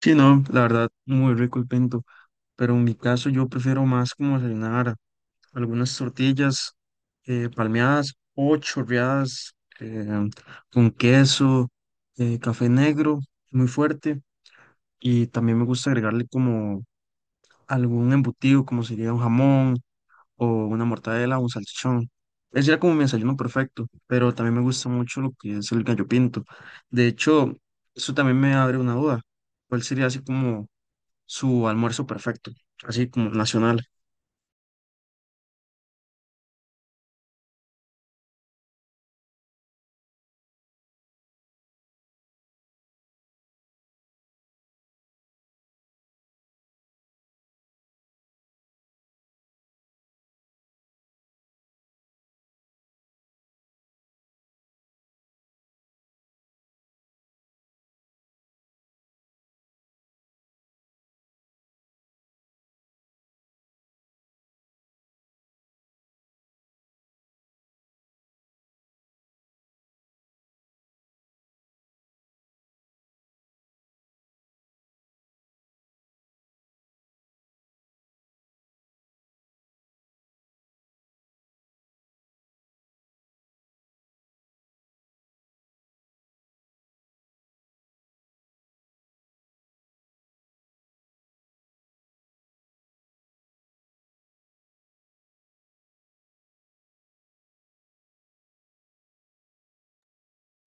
Sí, no, la verdad, muy rico el pinto, pero en mi caso yo prefiero más como desayunar algunas tortillas palmeadas o chorreadas, con queso, café negro, muy fuerte, y también me gusta agregarle como algún embutido, como sería un jamón o una mortadela o un salchichón. Ese era como mi desayuno perfecto, pero también me gusta mucho lo que es el gallo pinto. De hecho, eso también me abre una duda. ¿Cuál sería así como su almuerzo perfecto, así como nacional?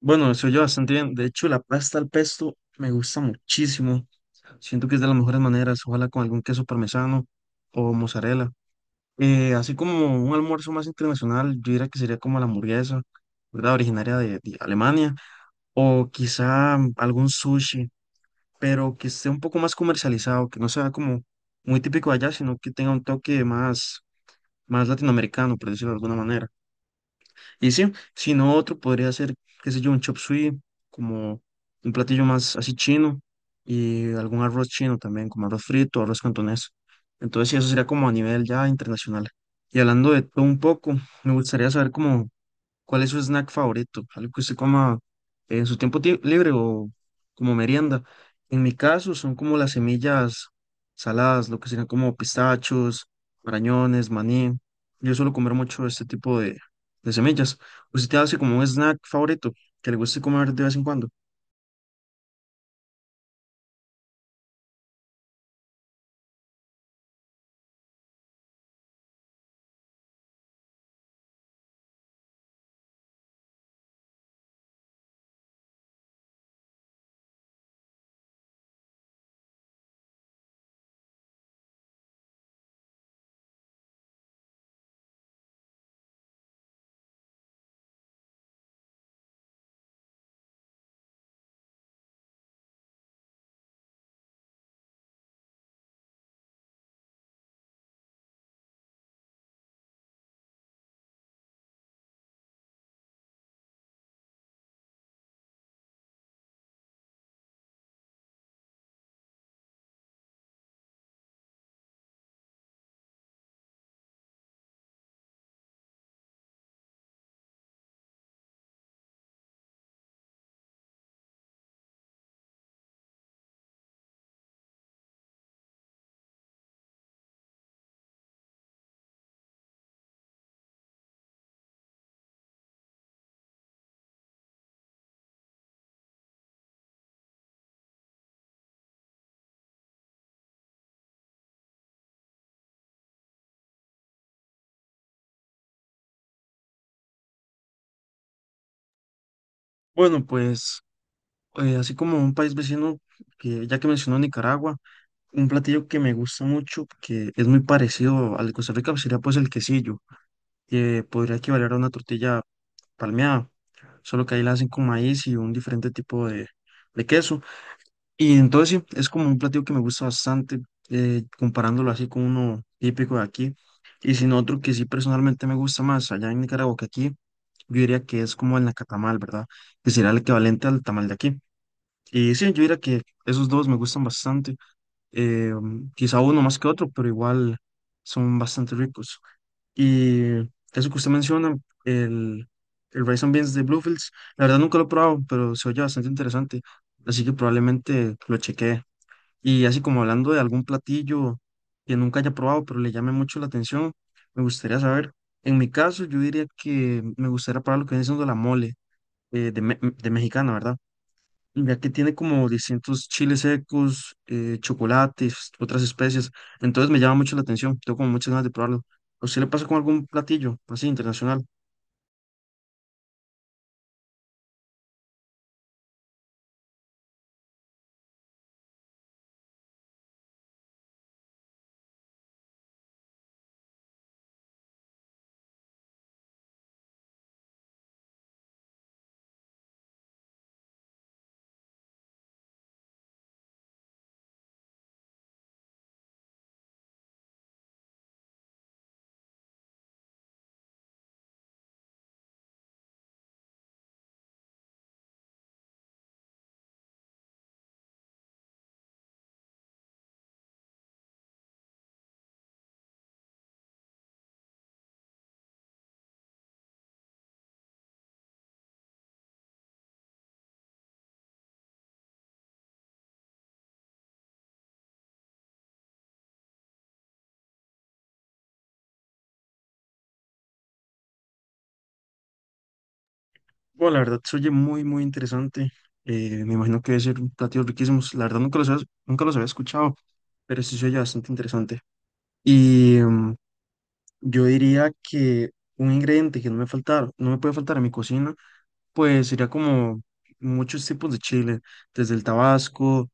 Bueno, eso yo bastante bien. De hecho, la pasta al pesto me gusta muchísimo. Siento que es de las mejores maneras, ojalá con algún queso parmesano o mozzarella. Así como un almuerzo más internacional, yo diría que sería como la hamburguesa, ¿verdad? Originaria de Alemania, o quizá algún sushi, pero que esté un poco más comercializado, que no sea como muy típico de allá, sino que tenga un toque más, más latinoamericano, por decirlo de alguna manera. Y sí, si no otro podría ser, qué sé yo, un chop suey, como un platillo más así chino y algún arroz chino también, como arroz frito, arroz cantonés. Entonces sí, eso sería como a nivel ya internacional. Y hablando de todo un poco, me gustaría saber como ¿cuál es su snack favorito? Algo que usted coma en su tiempo libre o como merienda. En mi caso son como las semillas saladas, lo que serían como pistachos, marañones, maní. Yo suelo comer mucho este tipo de semillas. ¿Usted hace como un snack favorito que le guste comer de vez en cuando? Bueno, pues así como un país vecino, que ya que mencionó Nicaragua, un platillo que me gusta mucho, que es muy parecido al de Costa Rica, sería pues el quesillo que podría equivaler a una tortilla palmeada, solo que ahí la hacen con maíz y un diferente tipo de queso. Y entonces sí, es como un platillo que me gusta bastante, comparándolo así con uno típico de aquí. Y sin otro que sí personalmente me gusta más allá en Nicaragua que aquí, yo diría que es como el nacatamal, ¿verdad? Que sería el equivalente al tamal de aquí. Y sí, yo diría que esos dos me gustan bastante, eh, quizá uno más que otro, pero igual son bastante ricos. Y eso que usted menciona, el, el Rice and Beans de Bluefields, la verdad nunca lo he probado, pero se oye bastante interesante, así que probablemente lo chequee. Y así como hablando de algún platillo que nunca haya probado, pero le llame mucho la atención, me gustaría saber. En mi caso, yo diría que me gustaría probar lo que viene siendo la mole de mexicana, ¿verdad? Ya que tiene como distintos chiles secos, chocolates, otras especies. Entonces me llama mucho la atención, tengo como muchas ganas de probarlo. ¿A usted le pasa con algún platillo así internacional? Bueno, la verdad se oye muy, muy interesante. Me imagino que debe ser platillos riquísimos. La verdad nunca los había escuchado, pero sí se oye bastante interesante. Y mm, yo diría que un ingrediente que no me puede faltar en mi cocina. Pues sería como muchos tipos de chile, desde el tabasco,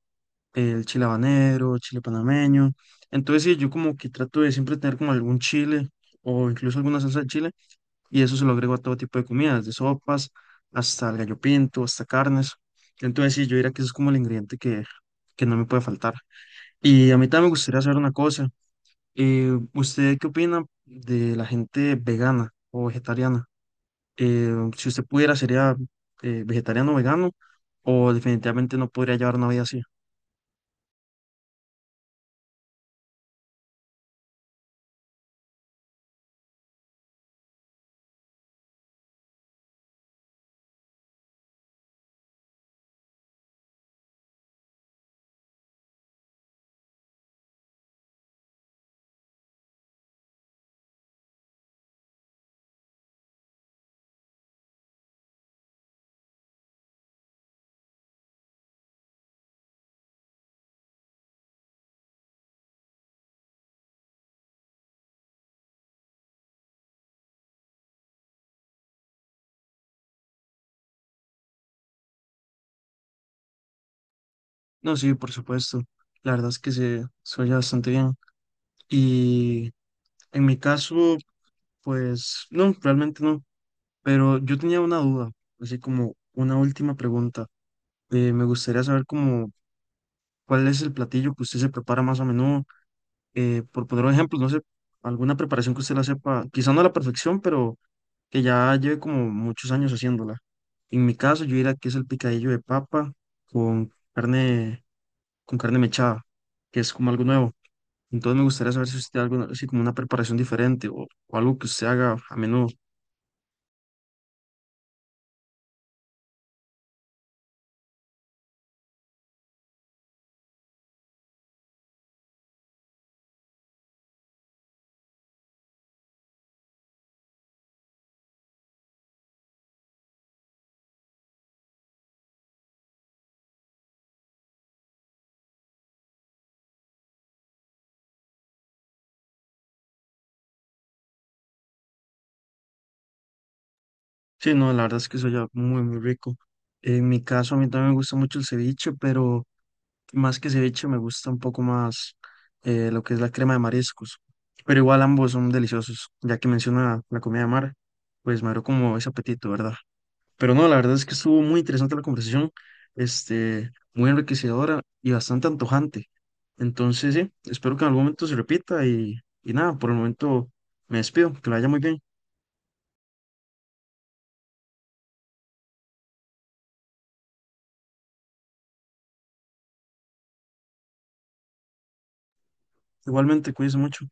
el chile habanero, chile panameño. Entonces, sí, yo como que trato de siempre tener como algún chile o incluso alguna salsa de chile y eso se lo agrego a todo tipo de comidas, de sopas hasta el gallo pinto, hasta carnes. Entonces, sí, yo diría que eso es como el ingrediente que no me puede faltar. Y a mí también me gustaría saber una cosa. ¿Usted qué opina de la gente vegana o vegetariana? ¿Eh, si usted pudiera, sería vegetariano o vegano o definitivamente no podría llevar una vida así? No, sí, por supuesto. La verdad es que se oye bastante bien. Y en mi caso, pues no, realmente no. Pero yo tenía una duda, así como una última pregunta. Me gustaría saber como cuál es el platillo que usted se prepara más a menudo. Por poner un ejemplo, no sé, alguna preparación que usted la sepa, quizá no a la perfección, pero que ya lleve como muchos años haciéndola. En mi caso, yo diría que es el picadillo de papa con carne, con carne mechada, que es como algo nuevo. Entonces me gustaría saber si usted tiene algo así como una preparación diferente o algo que usted haga a menudo. Sí, no, la verdad es que soy ya muy, muy rico. En mi caso, a mí también me gusta mucho el ceviche, pero más que ceviche me gusta un poco más lo que es la crema de mariscos. Pero igual ambos son deliciosos, ya que menciona la comida de mar, pues me abrió como ese apetito, ¿verdad? Pero no, la verdad es que estuvo muy interesante la conversación, este, muy enriquecedora y bastante antojante. Entonces, sí, espero que en algún momento se repita y nada, por el momento me despido, que la haya muy bien. Igualmente, cuídense mucho.